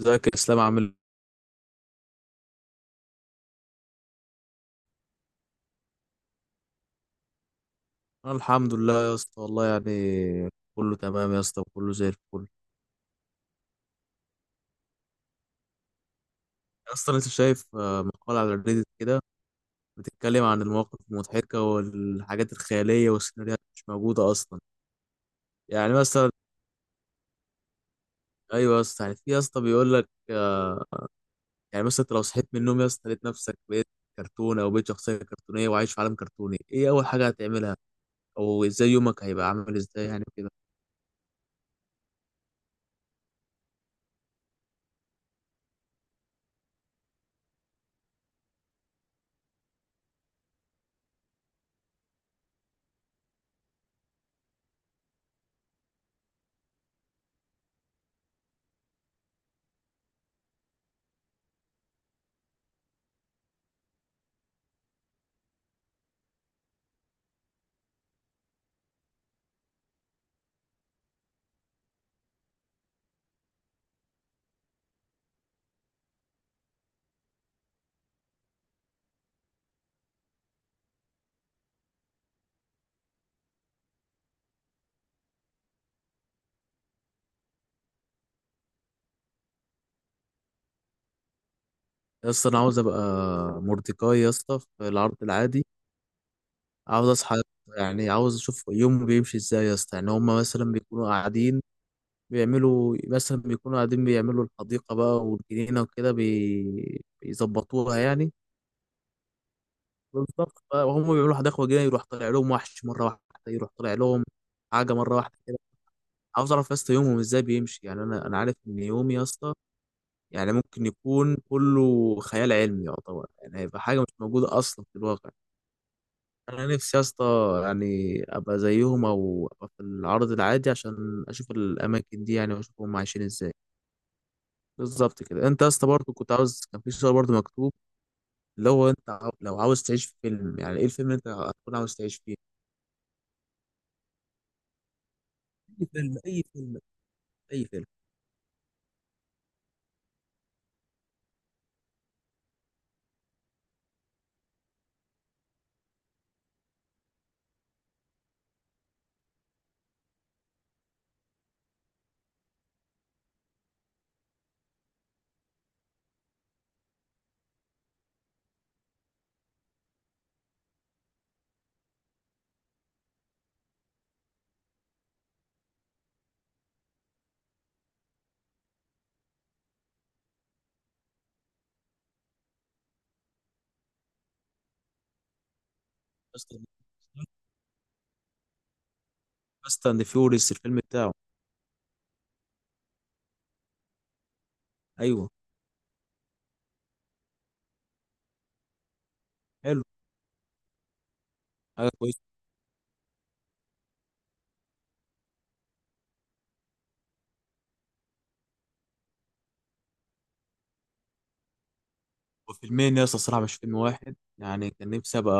ازيك يا اسلام، عامل ايه؟ انا الحمد لله يا اسطى، والله يعني كله تمام يا اسطى، وكله زي الفل. يا اسطى، لسه شايف مقال على الريديت كده، بتتكلم عن المواقف المضحكه والحاجات الخياليه والسيناريوهات مش موجوده اصلا. يعني مثلا، ايوه يا اسطى، يعني في يا اسطى بيقول لك. يعني مثلا انت لو صحيت من النوم يا اسطى، لقيت نفسك بقيت كرتون او بقيت شخصيه كرتونيه وعايش في عالم كرتوني، ايه اول حاجه هتعملها، او ازاي يومك هيبقى عامل ازاي يعني كده. يا اسطى، انا عاوز ابقى مورديكاي يا اسطى في العرض العادي. عاوز اصحى، يعني عاوز اشوف يومه بيمشي ازاي يا اسطى. يعني هما مثلا بيكونوا قاعدين بيعملوا، مثلا بيكونوا قاعدين بيعملوا الحديقة بقى والجنينة وكده، بيظبطوها يعني. بالظبط بقى، وهم بيعملوا حديقة وجنينة يروح طالع لهم وحش مرة واحدة، يروح طالع لهم حاجة مرة واحدة كده. عاوز اعرف يا اسطى يومهم ازاي بيمشي. يعني انا عارف ان يومي يا اسطى يعني ممكن يكون كله خيال علمي يعتبر، يعني هيبقى حاجة مش موجودة اصلا في الواقع. انا نفسي يا اسطى، يعني ابقى زيهم او ابقى في العرض العادي عشان اشوف الاماكن دي، يعني واشوف هم عايشين ازاي. بالظبط كده. انت يا اسطى برضه كنت عاوز، كان في سؤال برضه مكتوب اللي هو انت لو عاوز تعيش في فيلم، يعني ايه الفيلم اللي انت هتكون عاوز تعيش فيه؟ اي فيلم، اي فيلم، اي فيلم. فاست اند فيوريس الفيلم بتاعه. ايوه. حلو، حاجه كويسه. وفيلمين يا اسطى الصراحه، مش فيلم واحد. يعني كان نفسي ابقى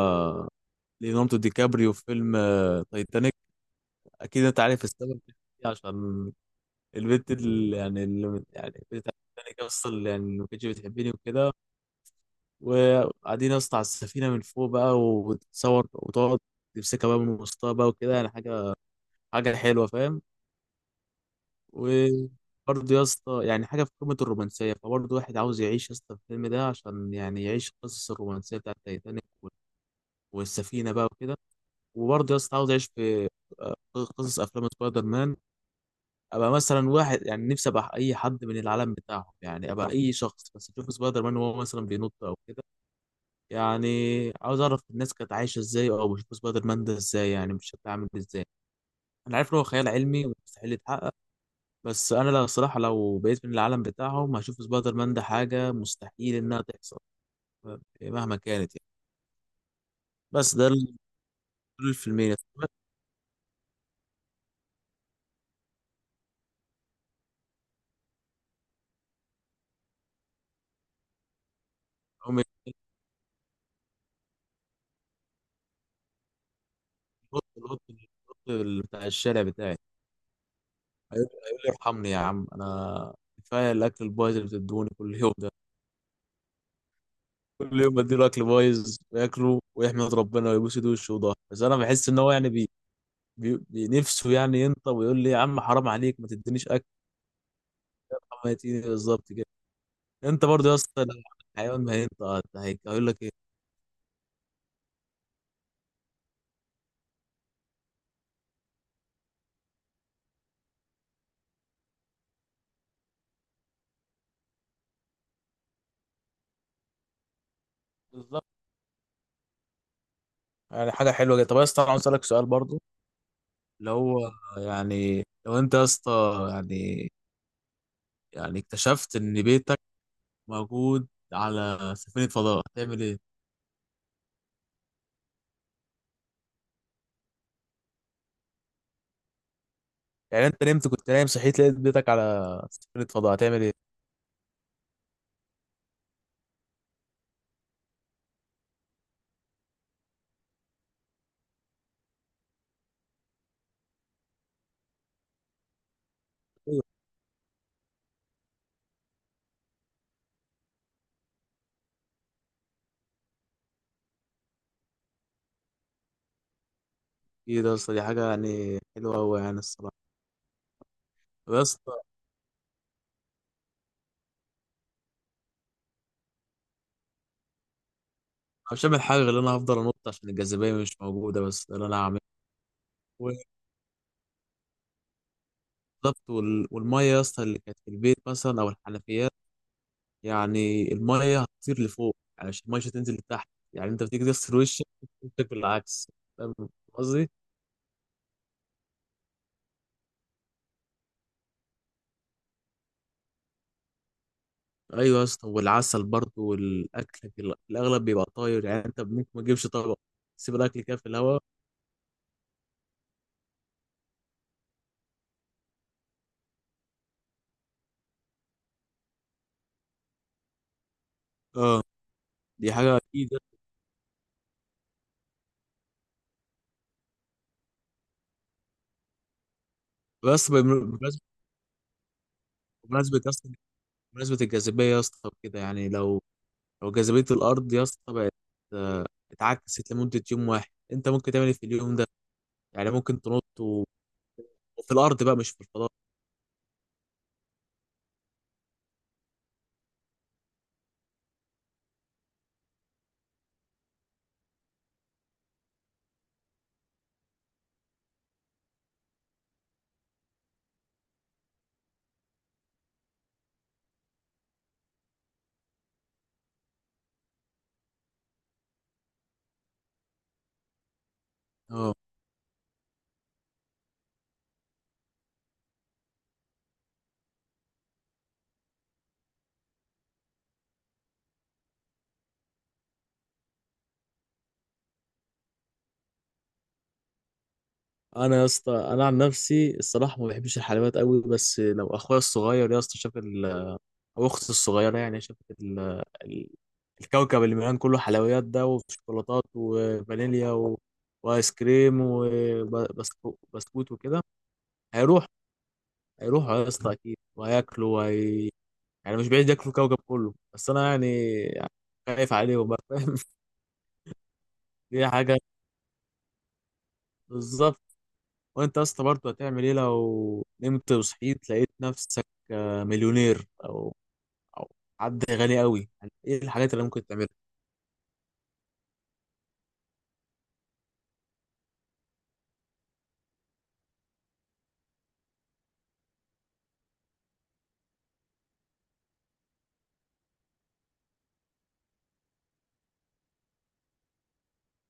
ليوناردو دي كابريو في فيلم تايتانيك. اكيد انت عارف السبب، عشان البنت اللي يعني بتاعتك اصلا، يعني اللي يعني ما كانتش بتحبني وكده، وقاعدين يا اسطى على السفينه من فوق بقى، وتصور وتقعد تمسكها بقى من وسطها بقى وكده، يعني حاجه، حاجه حلوه فاهم. وبرضه يا اسطى يعني حاجه في قمه الرومانسيه، فبرضه واحد عاوز يعيش يا اسطى الفيلم ده عشان يعني يعيش القصص الرومانسيه بتاعت تايتانيك والسفينه بقى وكده. وبرضه يا اسطى عاوز يعيش في آه، قصص افلام سبايدر مان. ابقى مثلا واحد، يعني نفسي ابقى اي حد من العالم بتاعهم، يعني ابقى اي شخص بس اشوف سبايدر مان وهو مثلا بينط او كده. يعني عاوز اعرف الناس كانت عايشه ازاي، او بشوف سبايدر مان ده ازاي، يعني مش شكله عامل ازاي. انا عارف ان هو خيال علمي ومستحيل يتحقق، بس انا لا، الصراحه لو بقيت من العالم بتاعهم هشوف سبايدر مان ده حاجه مستحيل انها تحصل، يعني مهما كانت يعني. بس دول الفيلمين. هم القط، القط بتاع الشارع بتاعي هيقول لي ارحمني يا عم، انا كفايه الاكل البايظ اللي بتدوني كل يوم ده، كل يوم بديله اكل بايظ وياكله ويحمد ربنا ويبوس ايده وشه وضهره، بس انا بحس ان هو يعني نفسه يعني ينطق ويقول لي يا عم حرام عليك، ما تدينيش اكل، ما يتيني بالظبط كده. انت برضه يا اسطى لو حيوان ما هينطق هيقول لك ايه؟ يعني حاجه حلوه جدا. طب يا اسطى انا عاوز اسالك سؤال برضه، اللي هو يعني لو انت يا اسطى يعني، يعني اكتشفت ان بيتك موجود على سفينه فضاء هتعمل ايه؟ يعني انت نمت، كنت نايم صحيت لقيت بيتك على سفينة فضاء، هتعمل ايه؟ ايوه. ايه ده يا اسطى، دي حاجه يعني حلوه قوي يعني الصراحه. طب يا اسطى، أنا مش هعمل حاجه غير ان انا هفضل انط عشان الجاذبيه مش موجوده، بس ده اللي انا هعمله بالظبط. والميه يا اسطى اللي كانت في البيت مثلا او الحنفيات، يعني الميه هتطير لفوق، يعني مش الميه مش هتنزل لتحت. يعني انت بتيجي تغسل وشك بالعكس، فاهم قصدي. ايوه يا اسطى، والعسل برضه والاكل في الاغلب بيبقى طاير، يعني انت ممكن ما تجيبش طبق، تسيب الاكل كده في الهواء. اه، دي حاجة أكيد. بس بمناسبة، بمناسبة يا اسطى، بمناسبة الجاذبية يا اسطى كده، يعني لو جاذبية الأرض يا اسطى بقت آه، اتعكست لمدة يوم واحد، أنت ممكن تعمل إيه في اليوم ده؟ يعني ممكن تنط وفي الأرض بقى مش في الفضاء. أه. أنا يا اسطى، أنا عن نفسي الصراحة ما بحبش الحلويات قوي، بس لو أخويا الصغير يا اسطى شاف أو أختي الصغيرة يعني شافت ال... الكوكب اللي مليان كله حلويات ده وشوكولاتات وفانيليا وايس كريم وبسكوت وكده، هيروح هيروحوا يا اسطى اكيد وهياكلوا يعني مش بعيد ياكلوا الكوكب كله، بس انا يعني خايف عليهم بقى فاهم دي حاجه بالظبط. وانت يا اسطى برضه هتعمل ايه لو نمت وصحيت لقيت نفسك مليونير او او حد غني قوي، يعني ايه الحاجات اللي ممكن تعملها؟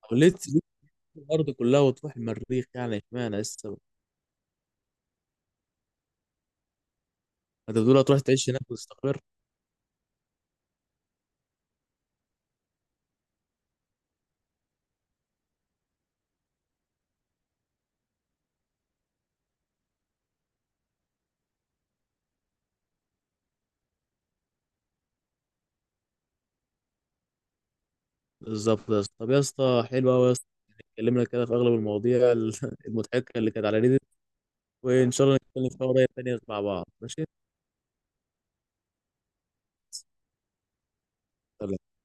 أو ليه تسيب الارض كلها وتروح المريخ يعني، اشمعنى لسه. انت بتقول هتروح تعيش هناك وتستقر. بالظبط يا اسطى. طب يا اسطى، حلو قوي يا اسطى، يعني اتكلمنا كده في اغلب المواضيع المضحكه اللي كانت على ريدي. وإن شاء الله نتكلم في مواضيع تانية مع بعض، ماشي؟ سلام.